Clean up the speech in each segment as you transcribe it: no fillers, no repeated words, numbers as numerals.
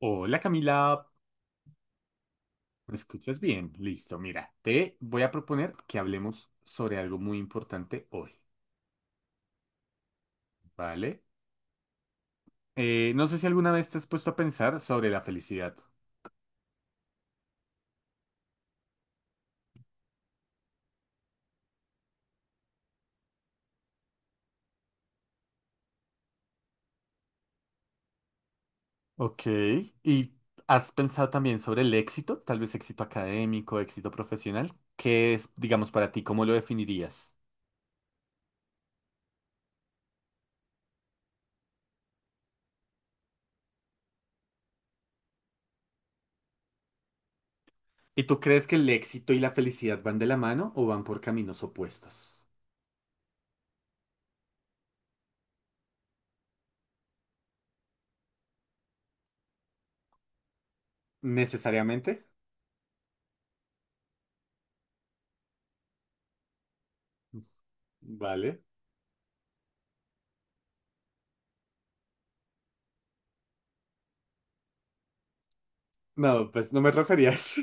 Hola Camila, ¿me escuchas bien? Listo, mira, te voy a proponer que hablemos sobre algo muy importante hoy, ¿vale? No sé si alguna vez te has puesto a pensar sobre la felicidad. Ok, ¿y has pensado también sobre el éxito? Tal vez éxito académico, éxito profesional. ¿Qué es, digamos, para ti? ¿Cómo lo definirías? ¿Y tú crees que el éxito y la felicidad van de la mano o van por caminos opuestos? ¿Necesariamente? Vale. No, pues no me refería a eso.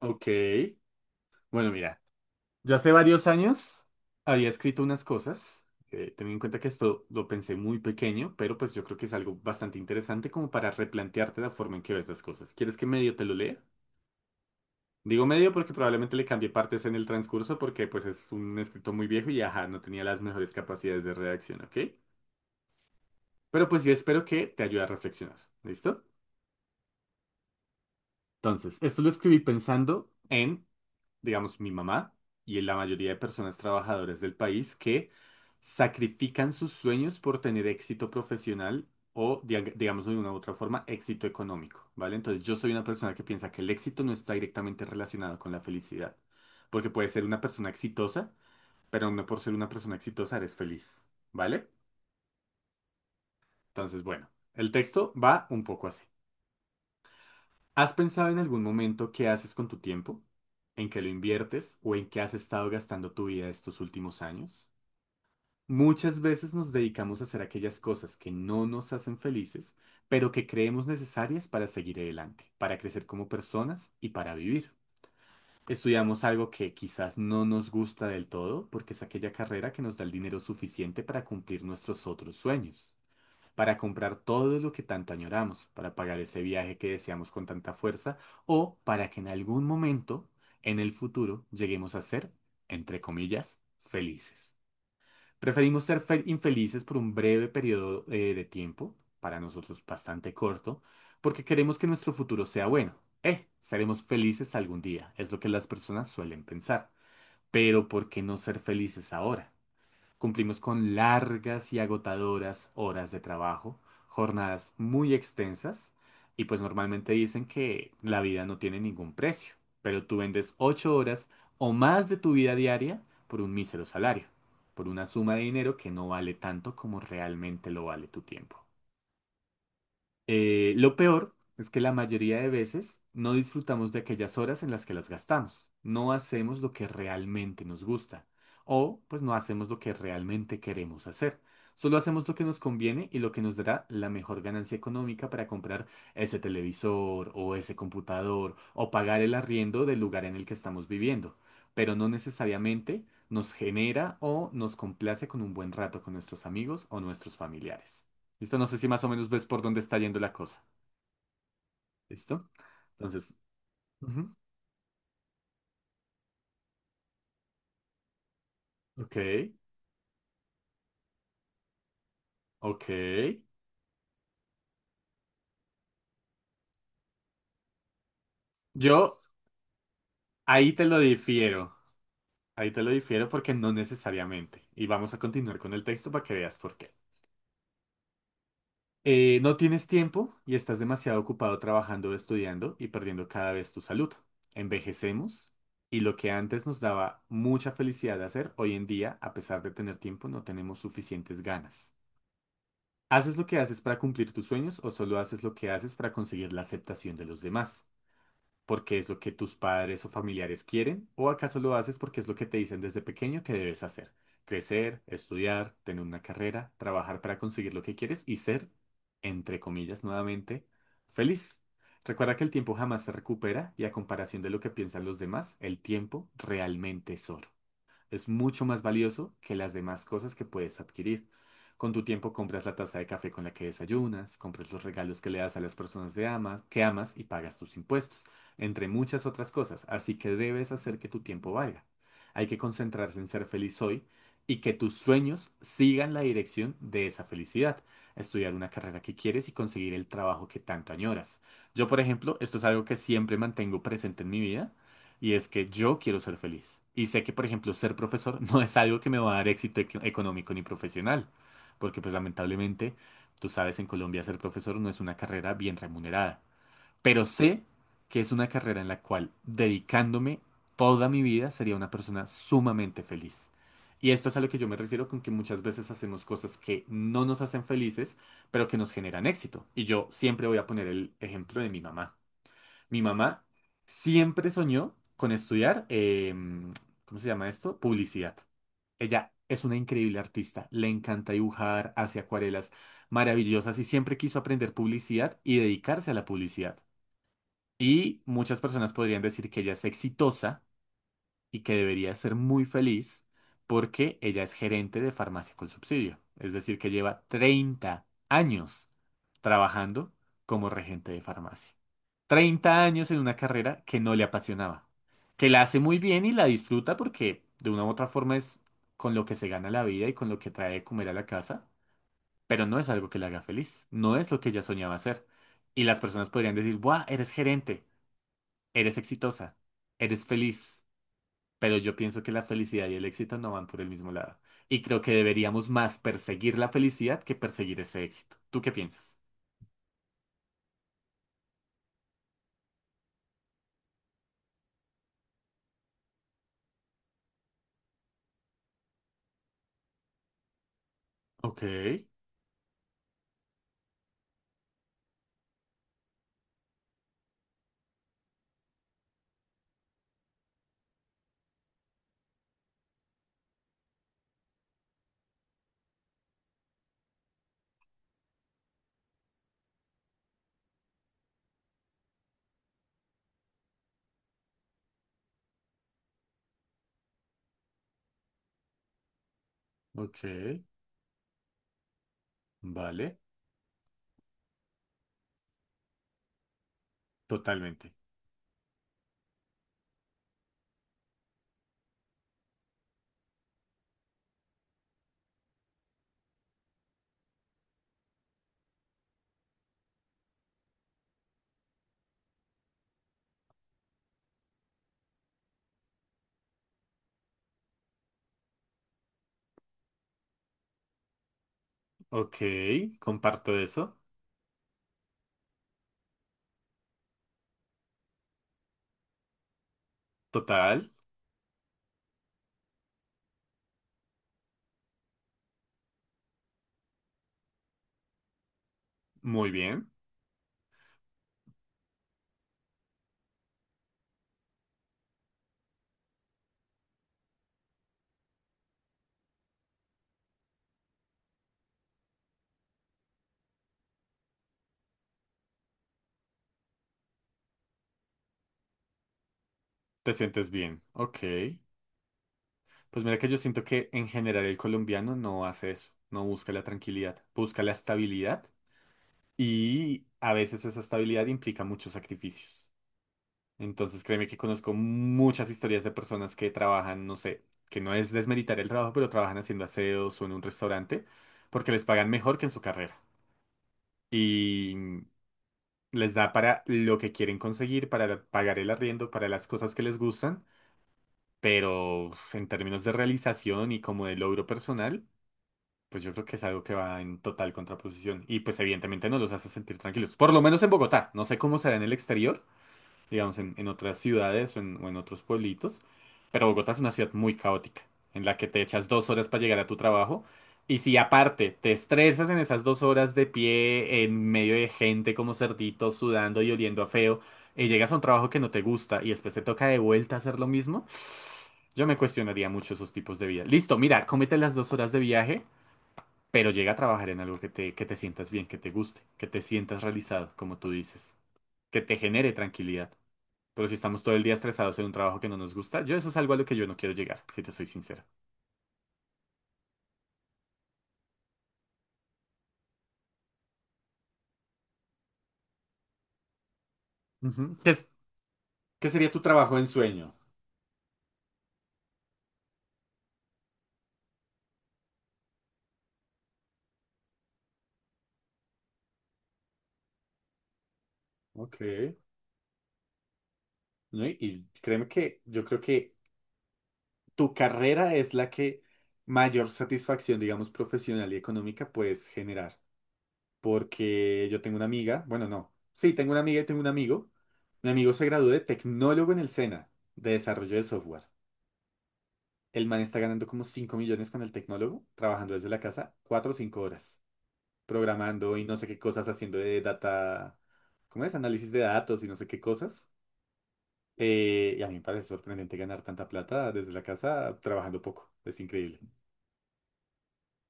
Ok. Bueno, mira. Yo hace varios años había escrito unas cosas, teniendo en cuenta que esto lo pensé muy pequeño, pero pues yo creo que es algo bastante interesante como para replantearte la forma en que ves las cosas. ¿Quieres que medio te lo lea? Digo medio porque probablemente le cambié partes en el transcurso porque pues es un escrito muy viejo y ajá, no tenía las mejores capacidades de redacción, ¿ok? Pero pues sí espero que te ayude a reflexionar, ¿listo? Entonces, esto lo escribí pensando en digamos, mi mamá y la mayoría de personas trabajadoras del país que sacrifican sus sueños por tener éxito profesional o, digamos, de una u otra forma, éxito económico, ¿vale? Entonces, yo soy una persona que piensa que el éxito no está directamente relacionado con la felicidad, porque puedes ser una persona exitosa, pero no por ser una persona exitosa eres feliz, ¿vale? Entonces, bueno, el texto va un poco así. ¿Has pensado en algún momento qué haces con tu tiempo? ¿En qué lo inviertes o en qué has estado gastando tu vida estos últimos años? Muchas veces nos dedicamos a hacer aquellas cosas que no nos hacen felices, pero que creemos necesarias para seguir adelante, para crecer como personas y para vivir. Estudiamos algo que quizás no nos gusta del todo porque es aquella carrera que nos da el dinero suficiente para cumplir nuestros otros sueños para comprar todo lo que tanto añoramos, para pagar ese viaje que deseamos con tanta fuerza, o para que en algún momento, en el futuro, lleguemos a ser, entre comillas, felices. Preferimos ser infelices por un breve periodo de tiempo, para nosotros bastante corto, porque queremos que nuestro futuro sea bueno. Seremos felices algún día, es lo que las personas suelen pensar. Pero ¿por qué no ser felices ahora? Cumplimos con largas y agotadoras horas de trabajo, jornadas muy extensas y pues normalmente dicen que la vida no tiene ningún precio, pero tú vendes 8 horas o más de tu vida diaria por un mísero salario, por una suma de dinero que no vale tanto como realmente lo vale tu tiempo. Lo peor es que la mayoría de veces no disfrutamos de aquellas horas en las que las gastamos. No hacemos lo que realmente nos gusta. O pues no hacemos lo que realmente queremos hacer. Solo hacemos lo que nos conviene y lo que nos dará la mejor ganancia económica para comprar ese televisor o ese computador o pagar el arriendo del lugar en el que estamos viviendo. Pero no necesariamente nos genera o nos complace con un buen rato con nuestros amigos o nuestros familiares. ¿Listo? No sé si más o menos ves por dónde está yendo la cosa. ¿Listo? Entonces, ujú, ok, ok. Yo ahí te lo difiero. Ahí te lo difiero porque no necesariamente. Y vamos a continuar con el texto para que veas por qué. No tienes tiempo y estás demasiado ocupado trabajando o estudiando y perdiendo cada vez tu salud. Envejecemos y lo que antes nos daba mucha felicidad de hacer, hoy en día, a pesar de tener tiempo, no tenemos suficientes ganas. ¿Haces lo que haces para cumplir tus sueños o solo haces lo que haces para conseguir la aceptación de los demás? ¿Porque es lo que tus padres o familiares quieren? ¿O acaso lo haces porque es lo que te dicen desde pequeño que debes hacer? Crecer, estudiar, tener una carrera, trabajar para conseguir lo que quieres y ser, entre comillas, nuevamente, feliz. Recuerda que el tiempo jamás se recupera y a comparación de lo que piensan los demás, el tiempo realmente es oro es mucho más valioso que las demás cosas que puedes adquirir. Con tu tiempo compras la taza de café con la que desayunas, compras los regalos que le das a las personas que amas y pagas tus impuestos, entre muchas otras cosas. Así que debes hacer que tu tiempo valga. Hay que concentrarse en ser feliz hoy y que tus sueños sigan la dirección de esa felicidad. Estudiar una carrera que quieres y conseguir el trabajo que tanto añoras. Yo, por ejemplo, esto es algo que siempre mantengo presente en mi vida. Y es que yo quiero ser feliz. Y sé que, por ejemplo, ser profesor no es algo que me va a dar éxito económico ni profesional. Porque, pues, lamentablemente, tú sabes, en Colombia ser profesor no es una carrera bien remunerada. Pero sé que es una carrera en la cual, dedicándome toda mi vida, sería una persona sumamente feliz. Y esto es a lo que yo me refiero con que muchas veces hacemos cosas que no nos hacen felices, pero que nos generan éxito. Y yo siempre voy a poner el ejemplo de mi mamá. Mi mamá siempre soñó con estudiar, ¿cómo se llama esto? Publicidad. Ella es una increíble artista, le encanta dibujar, hace acuarelas maravillosas y siempre quiso aprender publicidad y dedicarse a la publicidad. Y muchas personas podrían decir que ella es exitosa y que debería ser muy feliz porque ella es gerente de farmacia con subsidio, es decir, que lleva 30 años trabajando como regente de farmacia. 30 años en una carrera que no le apasionaba, que la hace muy bien y la disfruta porque de una u otra forma es con lo que se gana la vida y con lo que trae de comer a la casa, pero no es algo que la haga feliz, no es lo que ella soñaba hacer. Y las personas podrían decir, ¡buah, eres gerente, eres exitosa, eres feliz! Pero yo pienso que la felicidad y el éxito no van por el mismo lado. Y creo que deberíamos más perseguir la felicidad que perseguir ese éxito. ¿Tú qué piensas? Ok, ok, vale, totalmente. Ok, comparto eso. Total, muy bien. Te sientes bien. Ok. Pues mira que yo siento que en general el colombiano no hace eso, no busca la tranquilidad, busca la estabilidad y a veces esa estabilidad implica muchos sacrificios. Entonces créeme que conozco muchas historias de personas que trabajan, no sé, que no es desmeritar el trabajo, pero trabajan haciendo aseos o en un restaurante porque les pagan mejor que en su carrera. Y les da para lo que quieren conseguir, para pagar el arriendo, para las cosas que les gustan, pero uf, en términos de realización y como de logro personal, pues yo creo que es algo que va en total contraposición y pues evidentemente no los hace sentir tranquilos, por lo menos en Bogotá, no sé cómo será en el exterior, digamos, en otras ciudades o en otros pueblitos, pero Bogotá es una ciudad muy caótica, en la que te echas 2 horas para llegar a tu trabajo, y si aparte te estresas en esas 2 horas de pie, en medio de gente como cerdito, sudando y oliendo a feo, y llegas a un trabajo que no te gusta y después te toca de vuelta hacer lo mismo, yo me cuestionaría mucho esos tipos de vida. Listo, mira, cómete las 2 horas de viaje. Pero llega a trabajar en algo que te sientas bien, que te guste, que te sientas realizado, como tú dices, que te genere tranquilidad. Pero si estamos todo el día estresados en un trabajo que no nos gusta, yo eso es algo a lo que yo no quiero llegar, si te soy sincero. Ujú. ¿Qué, qué sería tu trabajo en sueño? Ok. ¿No? Y créeme que yo creo que tu carrera es la que mayor satisfacción, digamos, profesional y económica puedes generar. Porque yo tengo una amiga, bueno, no. Sí, tengo una amiga y tengo un amigo. Mi amigo se graduó de tecnólogo en el SENA, de desarrollo de software. El man está ganando como 5 millones con el tecnólogo, trabajando desde la casa 4 o 5 horas, programando y no sé qué cosas haciendo de data, ¿cómo es? Análisis de datos y no sé qué cosas. Y a mí me parece sorprendente ganar tanta plata desde la casa trabajando poco. Es increíble.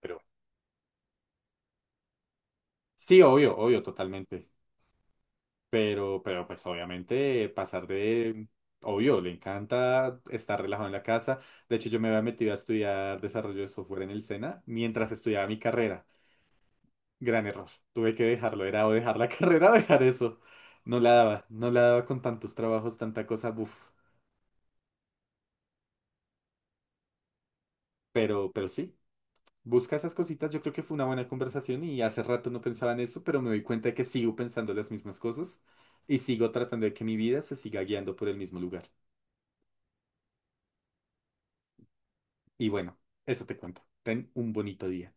Pero sí, obvio, obvio, totalmente. Pero pues obviamente pasar de, obvio, le encanta estar relajado en la casa. De hecho, yo me había metido a estudiar desarrollo de software en el SENA mientras estudiaba mi carrera. Gran error. Tuve que dejarlo. Era o dejar la carrera o dejar eso. No la daba. No la daba con tantos trabajos, tanta cosa. Buf. Pero sí. Busca esas cositas. Yo creo que fue una buena conversación y hace rato no pensaba en eso, pero me doy cuenta de que sigo pensando las mismas cosas y sigo tratando de que mi vida se siga guiando por el mismo lugar. Y bueno, eso te cuento. Ten un bonito día.